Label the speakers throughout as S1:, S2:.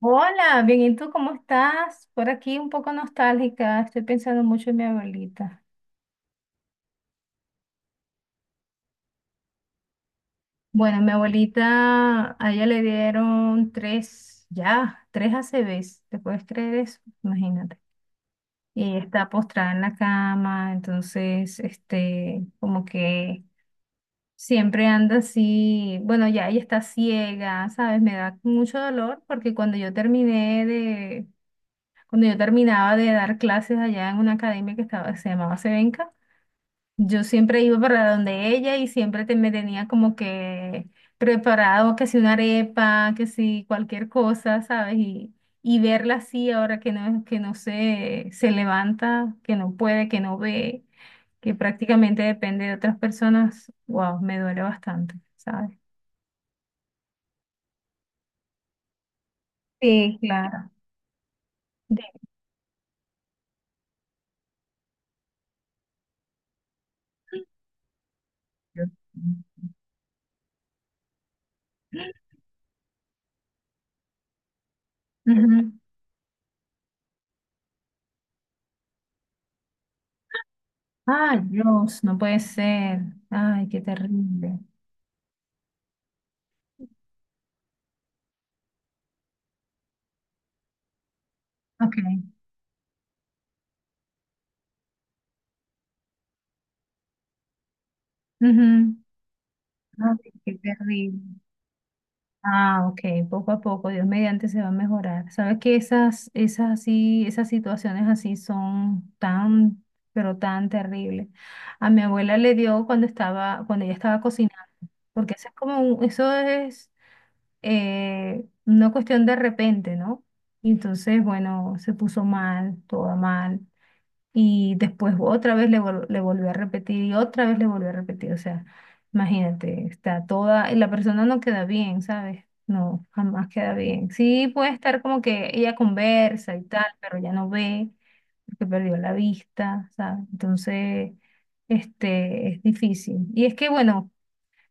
S1: Hola, bien, ¿y tú cómo estás? Por aquí un poco nostálgica, estoy pensando mucho en mi abuelita. Bueno, mi abuelita, a ella le dieron tres, ya, tres A C ACVs, ¿te puedes creer eso? Imagínate. Y está postrada en la cama, entonces, como que siempre anda así, bueno, ya ella está ciega, ¿sabes? Me da mucho dolor porque cuando yo terminaba de dar clases allá en una academia que estaba, se llamaba Sevenca. Yo siempre iba para donde ella y siempre me tenía como que preparado, que si una arepa, que si cualquier cosa, ¿sabes? Y verla así ahora que no se levanta, que no puede, que no ve, que prácticamente depende de otras personas, wow, me duele bastante, ¿sabes? Sí, claro. De- Ujú. Ay, Dios, no puede ser. Ay, qué terrible. Ok. Ujú. Ay, qué terrible. Ah, ok, poco a poco, Dios mediante se va a mejorar. Sabes que esas, esas situaciones así son tan, pero tan terribles. A mi abuela le dio cuando estaba, cuando ella estaba cocinando, porque eso es como un- eso es una cuestión de repente, ¿no? Y entonces, bueno, se puso mal, toda mal y después otra vez le volvió a repetir y otra vez le volvió a repetir. O sea, imagínate, está toda, y la persona no queda bien, ¿sabes? No, jamás queda bien. Sí, puede estar como que ella conversa y tal, pero ya no ve, porque perdió la vista, ¿sabes? Entonces, es difícil. Y es que, bueno,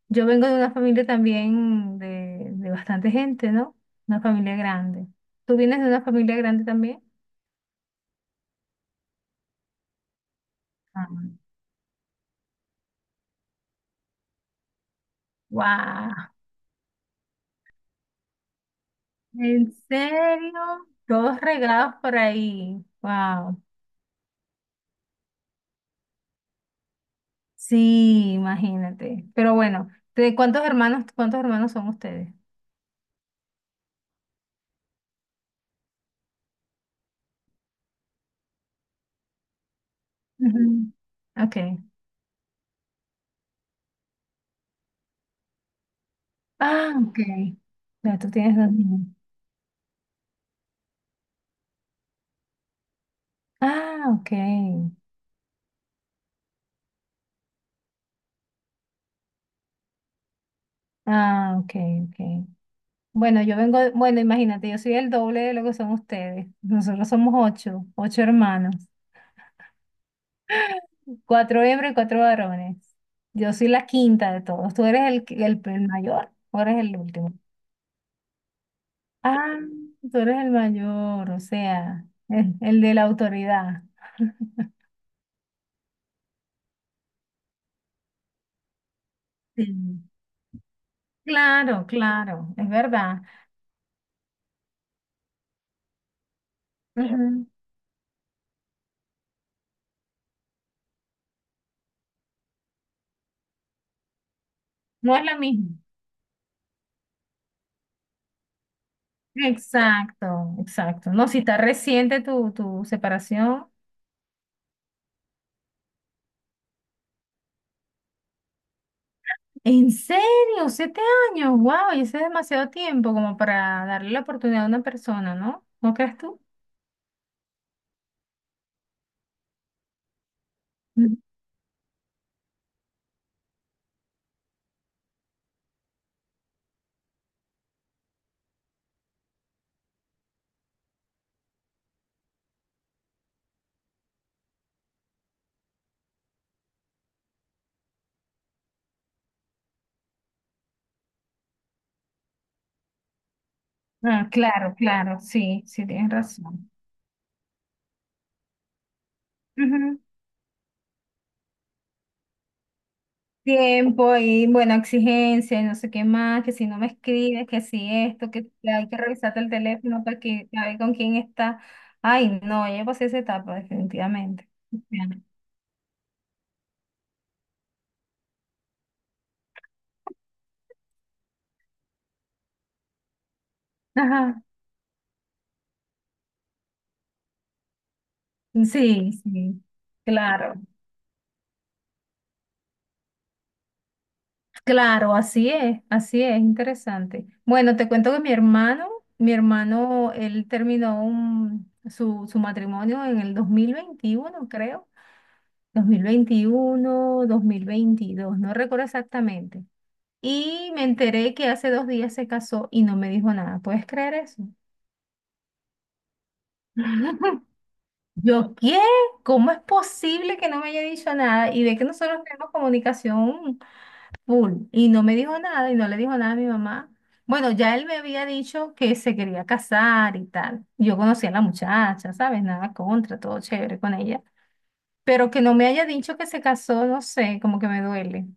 S1: yo vengo de una familia también de bastante gente, ¿no? Una familia grande. ¿Tú vienes de una familia grande también? Ah, ¿en serio? Todos regados por ahí. Wow. Sí, imagínate. Pero bueno, ¿de cuántos hermanos son ustedes? Ujú. Ok. Ah, ok. Ya tú tienes dos niños. Ah, ok. Ah, ok, ok. Bueno, yo vengo, bueno, imagínate, yo soy el doble de lo que son ustedes. Nosotros somos ocho hermanos, cuatro hembras y cuatro varones. Yo soy la quinta de todos. Tú eres el mayor, tú eres el último. Ah, tú eres el mayor, o sea, el de la autoridad. Sí. Claro, claro, es verdad. Ujú. No es la misma. Exacto, exacto. No, si está reciente tu, tu separación. ¿En serio? ¿Siete años? ¡Wow! Y ese es demasiado tiempo como para darle la oportunidad a una persona, ¿no? ¿No crees tú? Ujú. Ah, claro, claro, sí, sí, tienes razón. Tiempo y buena exigencia y no sé qué más, que si no me escribes, que si esto, que hay que revisarte el teléfono para que a ver con quién está. Ay, no, ya pasé esa etapa, definitivamente. Bueno. Ajá. Sí, sí, claro, claro, así es, interesante. Bueno, te cuento que mi hermano, él terminó su matrimonio en el 2021 creo, 2021 2022 no recuerdo exactamente. Y me enteré que hace 2 días se casó y no me dijo nada. ¿Puedes creer eso? Yo, ¿qué? ¿Cómo es posible que no me haya dicho nada? Y ve que nosotros tenemos comunicación full y no me dijo nada y no le dijo nada a mi mamá. Bueno, ya él me había dicho que se quería casar y tal. Yo conocía a la muchacha, ¿sabes? Nada contra, todo chévere con ella. Pero que no me haya dicho que se casó, no sé, como que me duele.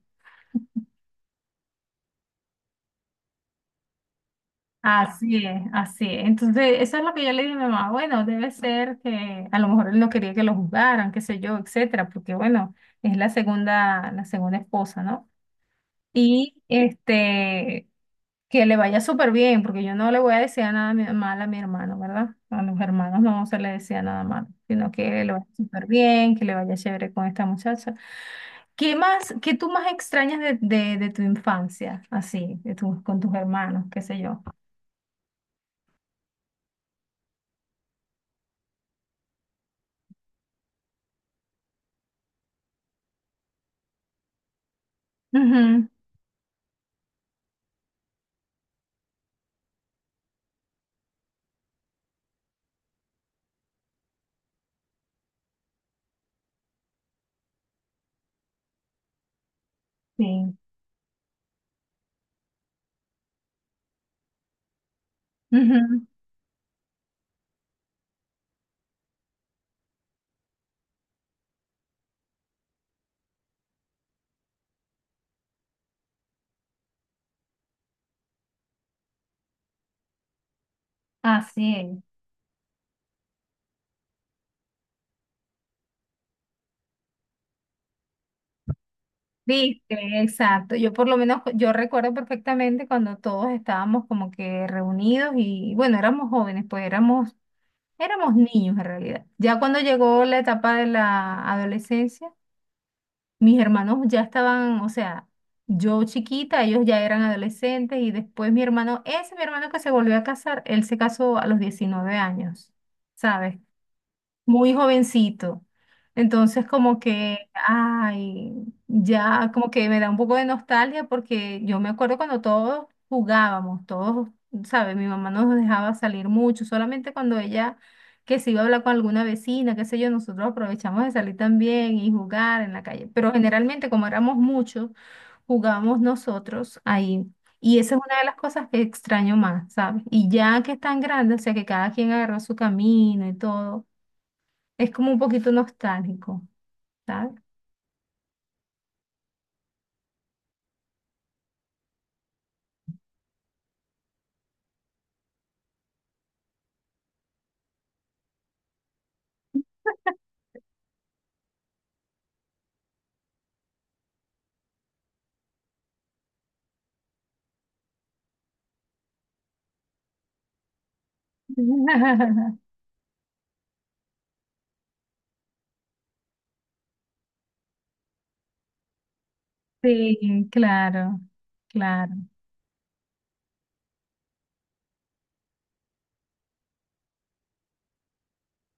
S1: Así es, así es. Entonces, eso es lo que yo le dije a mi mamá. Bueno, debe ser que a lo mejor él no quería que lo juzgaran, qué sé yo, etcétera, porque bueno, es la segunda esposa, ¿no? Y que le vaya súper bien, porque yo no le voy a desear nada mal a mi hermano, ¿verdad? A los hermanos no se le desea nada malo, sino que le vaya súper bien, que le vaya chévere con esta muchacha. ¿Qué más, qué tú más extrañas de tu infancia, así, de tus con tus hermanos, qué sé yo? Ujú. Sí. Ujú, así es. Viste, exacto. Yo por lo menos, yo recuerdo perfectamente cuando todos estábamos como que reunidos y bueno, éramos jóvenes, pues éramos niños en realidad. Ya cuando llegó la etapa de la adolescencia, mis hermanos ya estaban, o sea, yo chiquita, ellos ya eran adolescentes y después mi hermano, ese mi hermano que se volvió a casar, él se casó a los 19 años, ¿sabes? Muy jovencito. Entonces, como que, ay, ya como que me da un poco de nostalgia porque yo me acuerdo cuando todos jugábamos, todos, ¿sabes? Mi mamá nos dejaba salir mucho, solamente cuando ella que se iba a hablar con alguna vecina, qué sé yo, nosotros aprovechamos de salir también y jugar en la calle. Pero generalmente, como éramos muchos, jugábamos nosotros ahí. Y esa es una de las cosas que extraño más, ¿sabes? Y ya que están grandes, o sea, que cada quien agarró su camino y todo. Es como un poquito nostálgico, ¿sabes? Sí, claro, claro.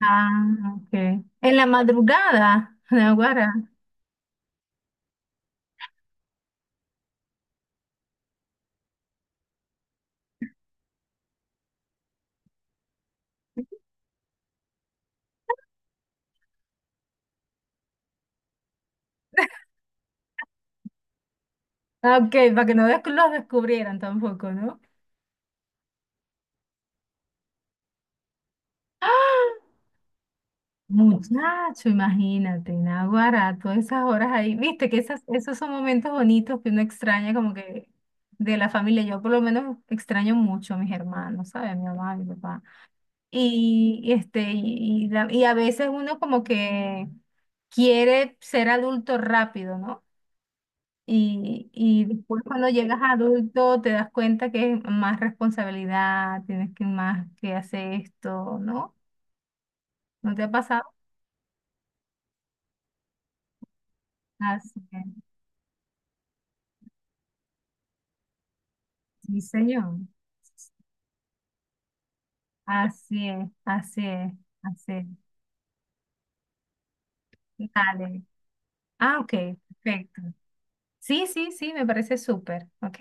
S1: Ah, ok. En la madrugada, Naguará. Ah, ok, para que no los descubrieran tampoco, ¿no? Muchacho, imagínate, Naguará, todas esas horas ahí. Viste que esas, esos son momentos bonitos que uno extraña como que de la familia. Yo por lo menos extraño mucho a mis hermanos, ¿sabes? A mi mamá, a mi papá. Y a veces uno como que quiere ser adulto rápido, ¿no? Y después cuando llegas a adulto te das cuenta que es más responsabilidad, tienes que más que hacer esto, ¿no? ¿No te ha pasado? Así es, sí, señor. Así es, así es, así es. Dale. Ah, ok, perfecto. Sí, sí, sí, me parece súper, ¿ok?